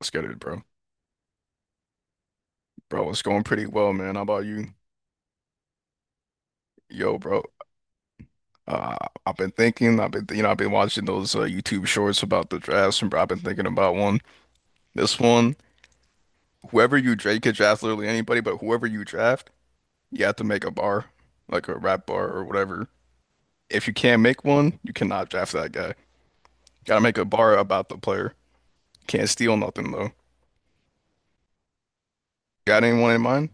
Let's get it, bro. Bro, it's going pretty well, man. How about you? Yo, bro. Uh, I've been thinking. I've been, I've been watching those YouTube shorts about the drafts, and bro, I've been thinking about one. This one, whoever you draft, you could draft literally anybody, but whoever you draft, you have to make a bar, like a rap bar or whatever. If you can't make one, you cannot draft that guy. Gotta make a bar about the player. Can't steal nothing though. Got anyone in mind?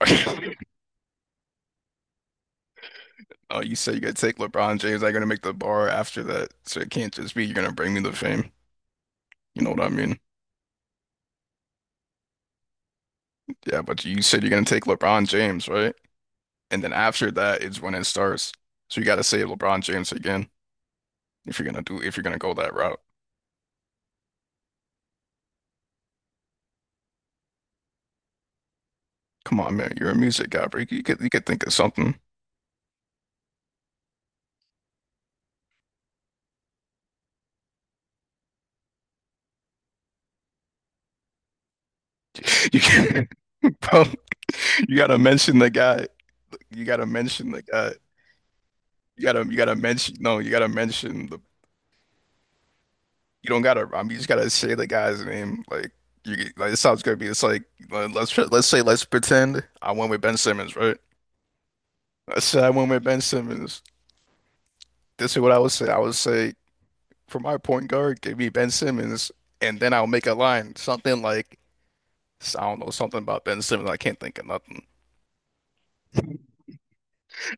Oh, you said you gotta take LeBron James. I gotta make the bar after that, so it can't just be you're gonna bring me the fame. You know what I mean? Yeah, but you said you're gonna take LeBron James, right? And then after that is when it starts. So you gotta save LeBron James again if you're gonna go that route. Come on, man, you're a music guy, bro. You could think of something. You can, bro, you gotta mention the guy. You gotta mention the guy. You gotta mention no, you gotta mention the you don't gotta I mean you just gotta say the guy's name. Like you like it sounds good, but it's like let's say let's pretend I went with Ben Simmons, right? Let's say I went with Ben Simmons. This is what I would say. I would say for my point guard, give me Ben Simmons, and then I'll make a line, something like I don't know, something about Ben Simmons. I can't think of nothing.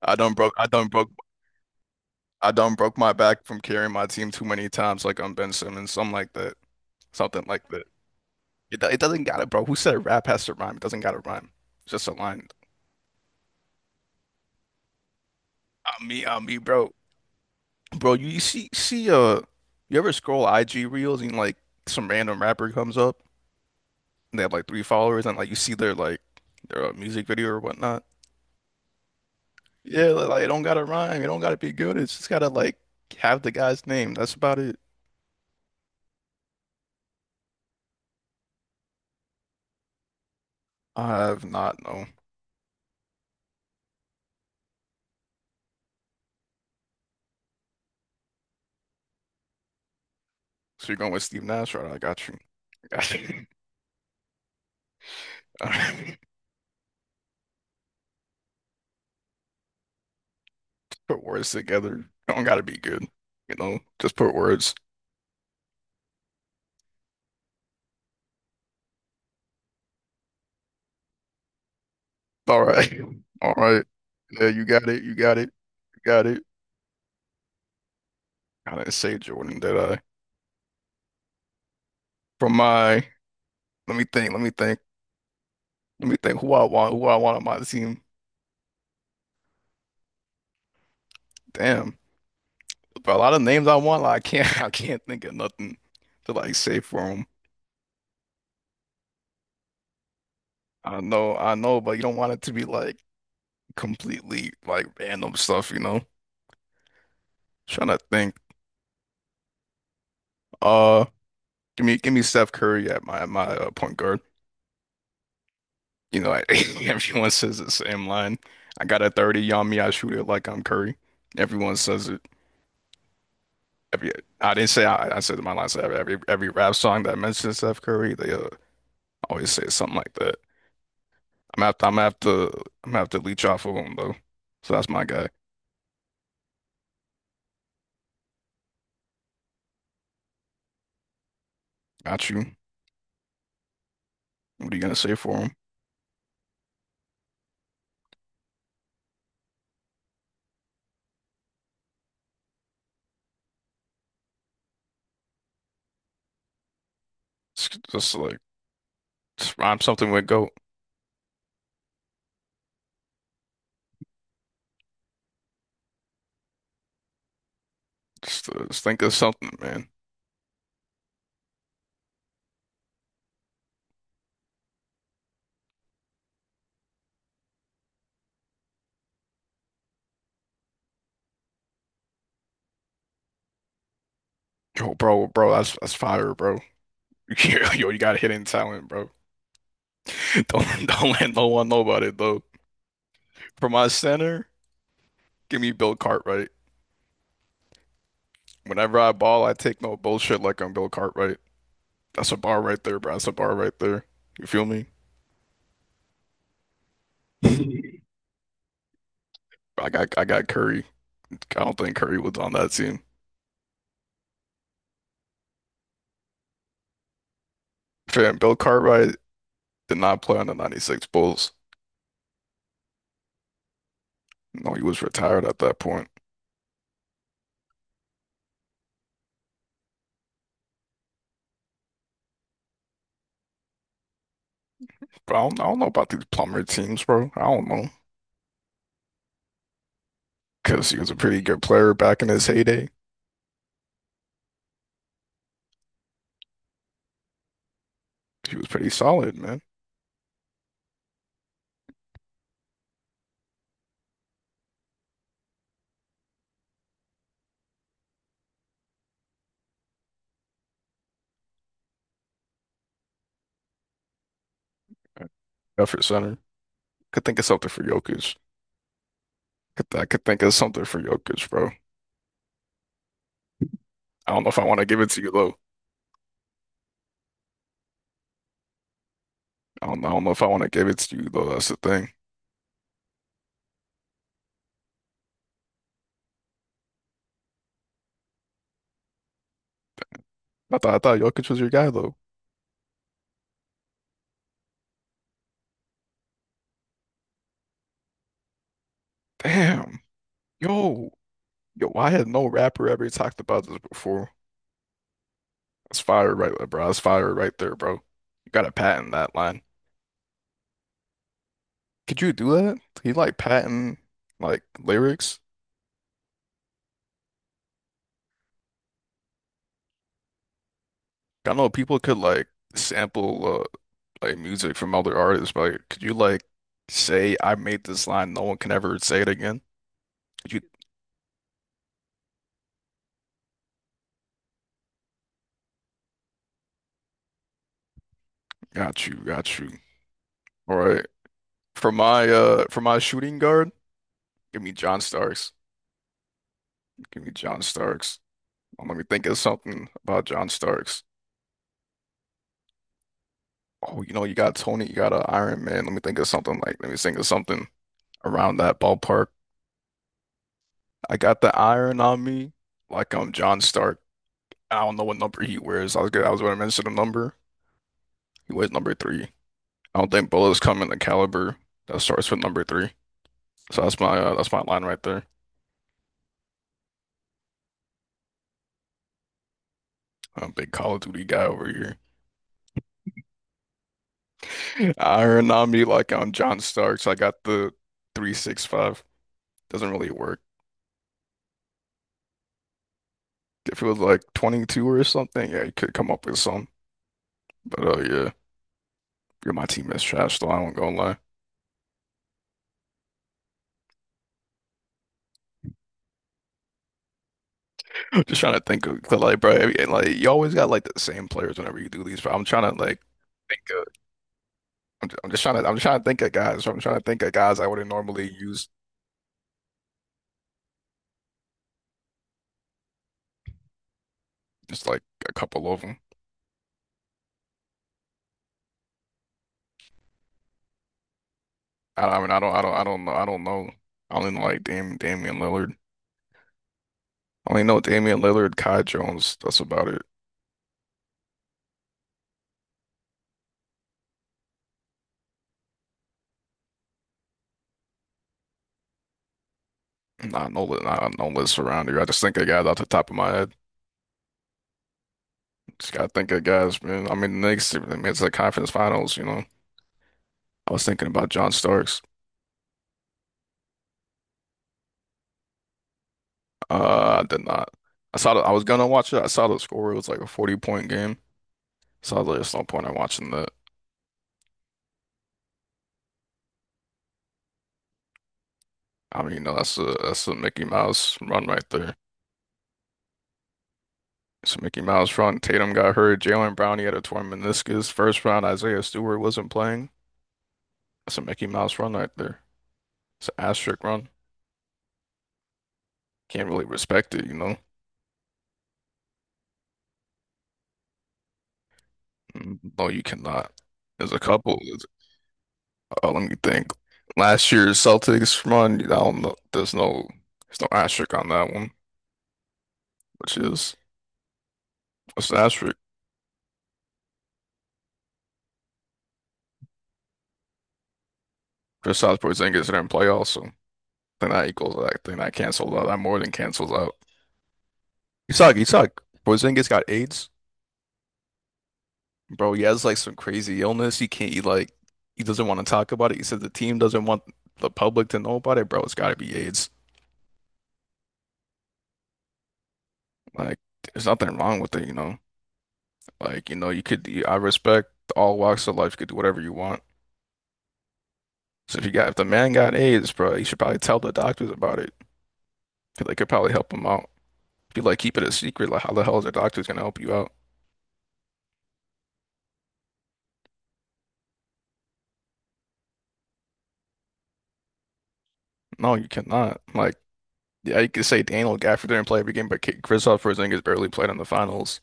I done broke, I done broke my back from carrying my team too many times, like I'm Ben Simmons, something like that, something like that. It doesn't gotta, bro. Who said rap has to rhyme? It doesn't gotta rhyme. It's just a line. I'm me, bro. Bro, you see, you ever scroll IG reels and like some random rapper comes up and they have like three followers and like you see their like their music video or whatnot. Yeah, like it don't gotta rhyme. It don't gotta be good. It's just gotta like have the guy's name. That's about it. I have not, no. So you're going with Steve Nash, right? I got you. I got you. All right. Put words together. Don't gotta be good. You know, just put words. All right. All right. Yeah, you got it. You got it. You got it. I didn't say Jordan, did I? From my, let me think. Let me think. Let me think. Who I want? Who I want on my team? Damn. But a lot of names I want, like, I can't. I can't think of nothing to like say for 'em. I know, but you don't want it to be like completely like random stuff, you know? Trying to think. Uh, give me Steph Curry at my point guard. You know, I, everyone says the same line. I got a 30 on me. I shoot it like I'm Curry. Everyone says it. Every I didn't say I said my line. So every rap song that mentions Steph Curry, they always say something like that. I'm gonna have to leech off of him though. So that's my guy. Got you. What are you gonna say for him? It's just like. Just rhyme something with goat. Just think of something, man. Yo, bro, that's fire, bro. Yo, yo, you got hidden talent, bro. Don't let no one know about it though. For my center, give me Bill Cartwright. Whenever I ball, I take no bullshit like I'm Bill Cartwright. That's a bar right there, bro. That's a bar right there. You feel me? I I got Curry. I don't think Curry was on that team. Fam, Bill Cartwright did not play on the 96 Bulls. No, he was retired at that point. But I don't know about these plumber teams, bro. I don't know. Because he was a pretty good player back in his heyday. He was pretty solid, man. Effort center. Could think of something for Jokic. I could think of something for Jokic, bro. I don't know if I want to give it to you, though. I don't know if I want to give it to you, though. That's the thing. I thought Jokic was your guy, though. Damn. Yo. Yo, I had no rapper ever talked about this before. That's fire right there, bro. That's fire right there, bro. You gotta patent that line. Could you do that? Can you like patent like lyrics? I don't know, people could like sample like music from other artists, but like, could you like say I made this line, no one can ever say it again? You got you. All right. For my shooting guard, give me John Starks. Give me John Starks. Let me think of something about John Starks. Oh, you know, you got Tony, you got an Iron Man. Let me think of something like let me think of something around that ballpark. I got the iron on me, like I'm John Stark. I don't know what number he wears. I was good. I was going to mention a number. He weighs number three. I don't think bullets come in the caliber that starts with number three. So that's my line right there. I'm a big Call of Duty guy over here. Iron on me like I'm John Starks. I got the 365. Doesn't really work. If it was like 22 or something, yeah, you could come up with some. But yeah, you're my team is trash, though. I won't go and lie. Just trying to think of 'cause, like, bro, like you always got like the same players whenever you do these. But I'm trying to like think of. I'm just trying to. I'm just trying to think of guys. I'm trying to think of guys I wouldn't normally use. Just like a couple of them. I mean, I don't know. I don't know. I only know like Damian Lillard. I only know Damian Lillard, Kai Jones. That's about it. Not no list around here. I just think of guys off the top of my head. Just gotta think of guys, man. I mean, the Knicks. I mean, it's the conference finals. You know, I was thinking about John Starks. I did not. I was gonna watch it. I saw the score. It was like a 40 point game. So I was like, there's no point in watching that. I mean, you know, that's a Mickey Mouse run right there. So Mickey Miles front, Tatum got hurt, Jalen Brown he had a torn meniscus. First round, Isaiah Stewart wasn't playing. That's a Mickey Mouse run right there. It's an asterisk run. Can't really respect it, you know? Mm, no, you cannot. There's a couple. There's- let me think. Last year's Celtics run, I don't know. There's no asterisk on that one, which is it's an asterisk. Kristaps Porzingis didn't play also. Then that equals that. Then that cancels out. That more than cancels out. You suck. You suck. Porzingis got AIDS. Bro, he has like some crazy illness. He can't, he like, he doesn't want to talk about it. He said the team doesn't want the public to know about it. Bro, it's got to be AIDS. Like, there's nothing wrong with it, you know? Like, you know, you could, I respect all walks of life. You could do whatever you want. So if you got, if the man got AIDS, bro, you should probably tell the doctors about it. 'Cause they could probably help him out. If you like keep it a secret, like, how the hell is the doctors gonna help you out? No, you cannot. Like, yeah, you could say Daniel Gafford didn't play every game, but Kristaps Porzingis barely played in the finals.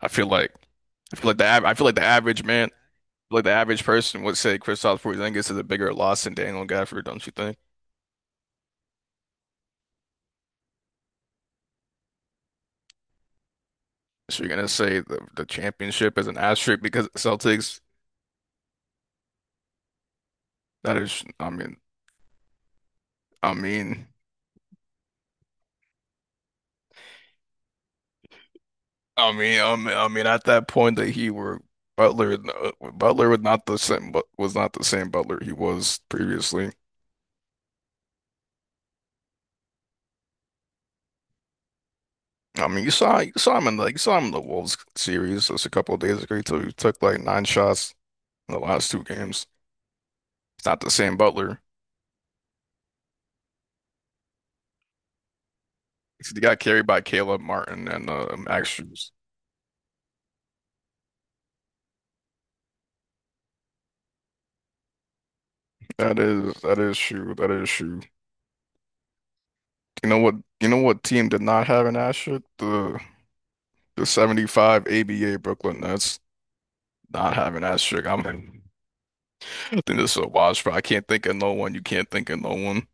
I feel like, I feel like the average man. Like the average person would say Kristaps Porzingis is a bigger loss than Daniel Gafford, don't you think? So you're gonna say the championship is an asterisk because Celtics? That is, I mean, I mean, at that point that he were Butler, Butler was not the same, but was not the same Butler he was previously. I mean, you saw him in the Wolves series just a couple of days ago. He took like 9 shots in the last two games. It's not the same Butler. He got carried by Caleb Martin and Max Strus. That is true. That is true. You know what? You know what team did not have an asterisk? The 75 ABA Brooklyn Nets not having an asterisk. I think this is a wash, but I can't think of no one. You can't think of no one.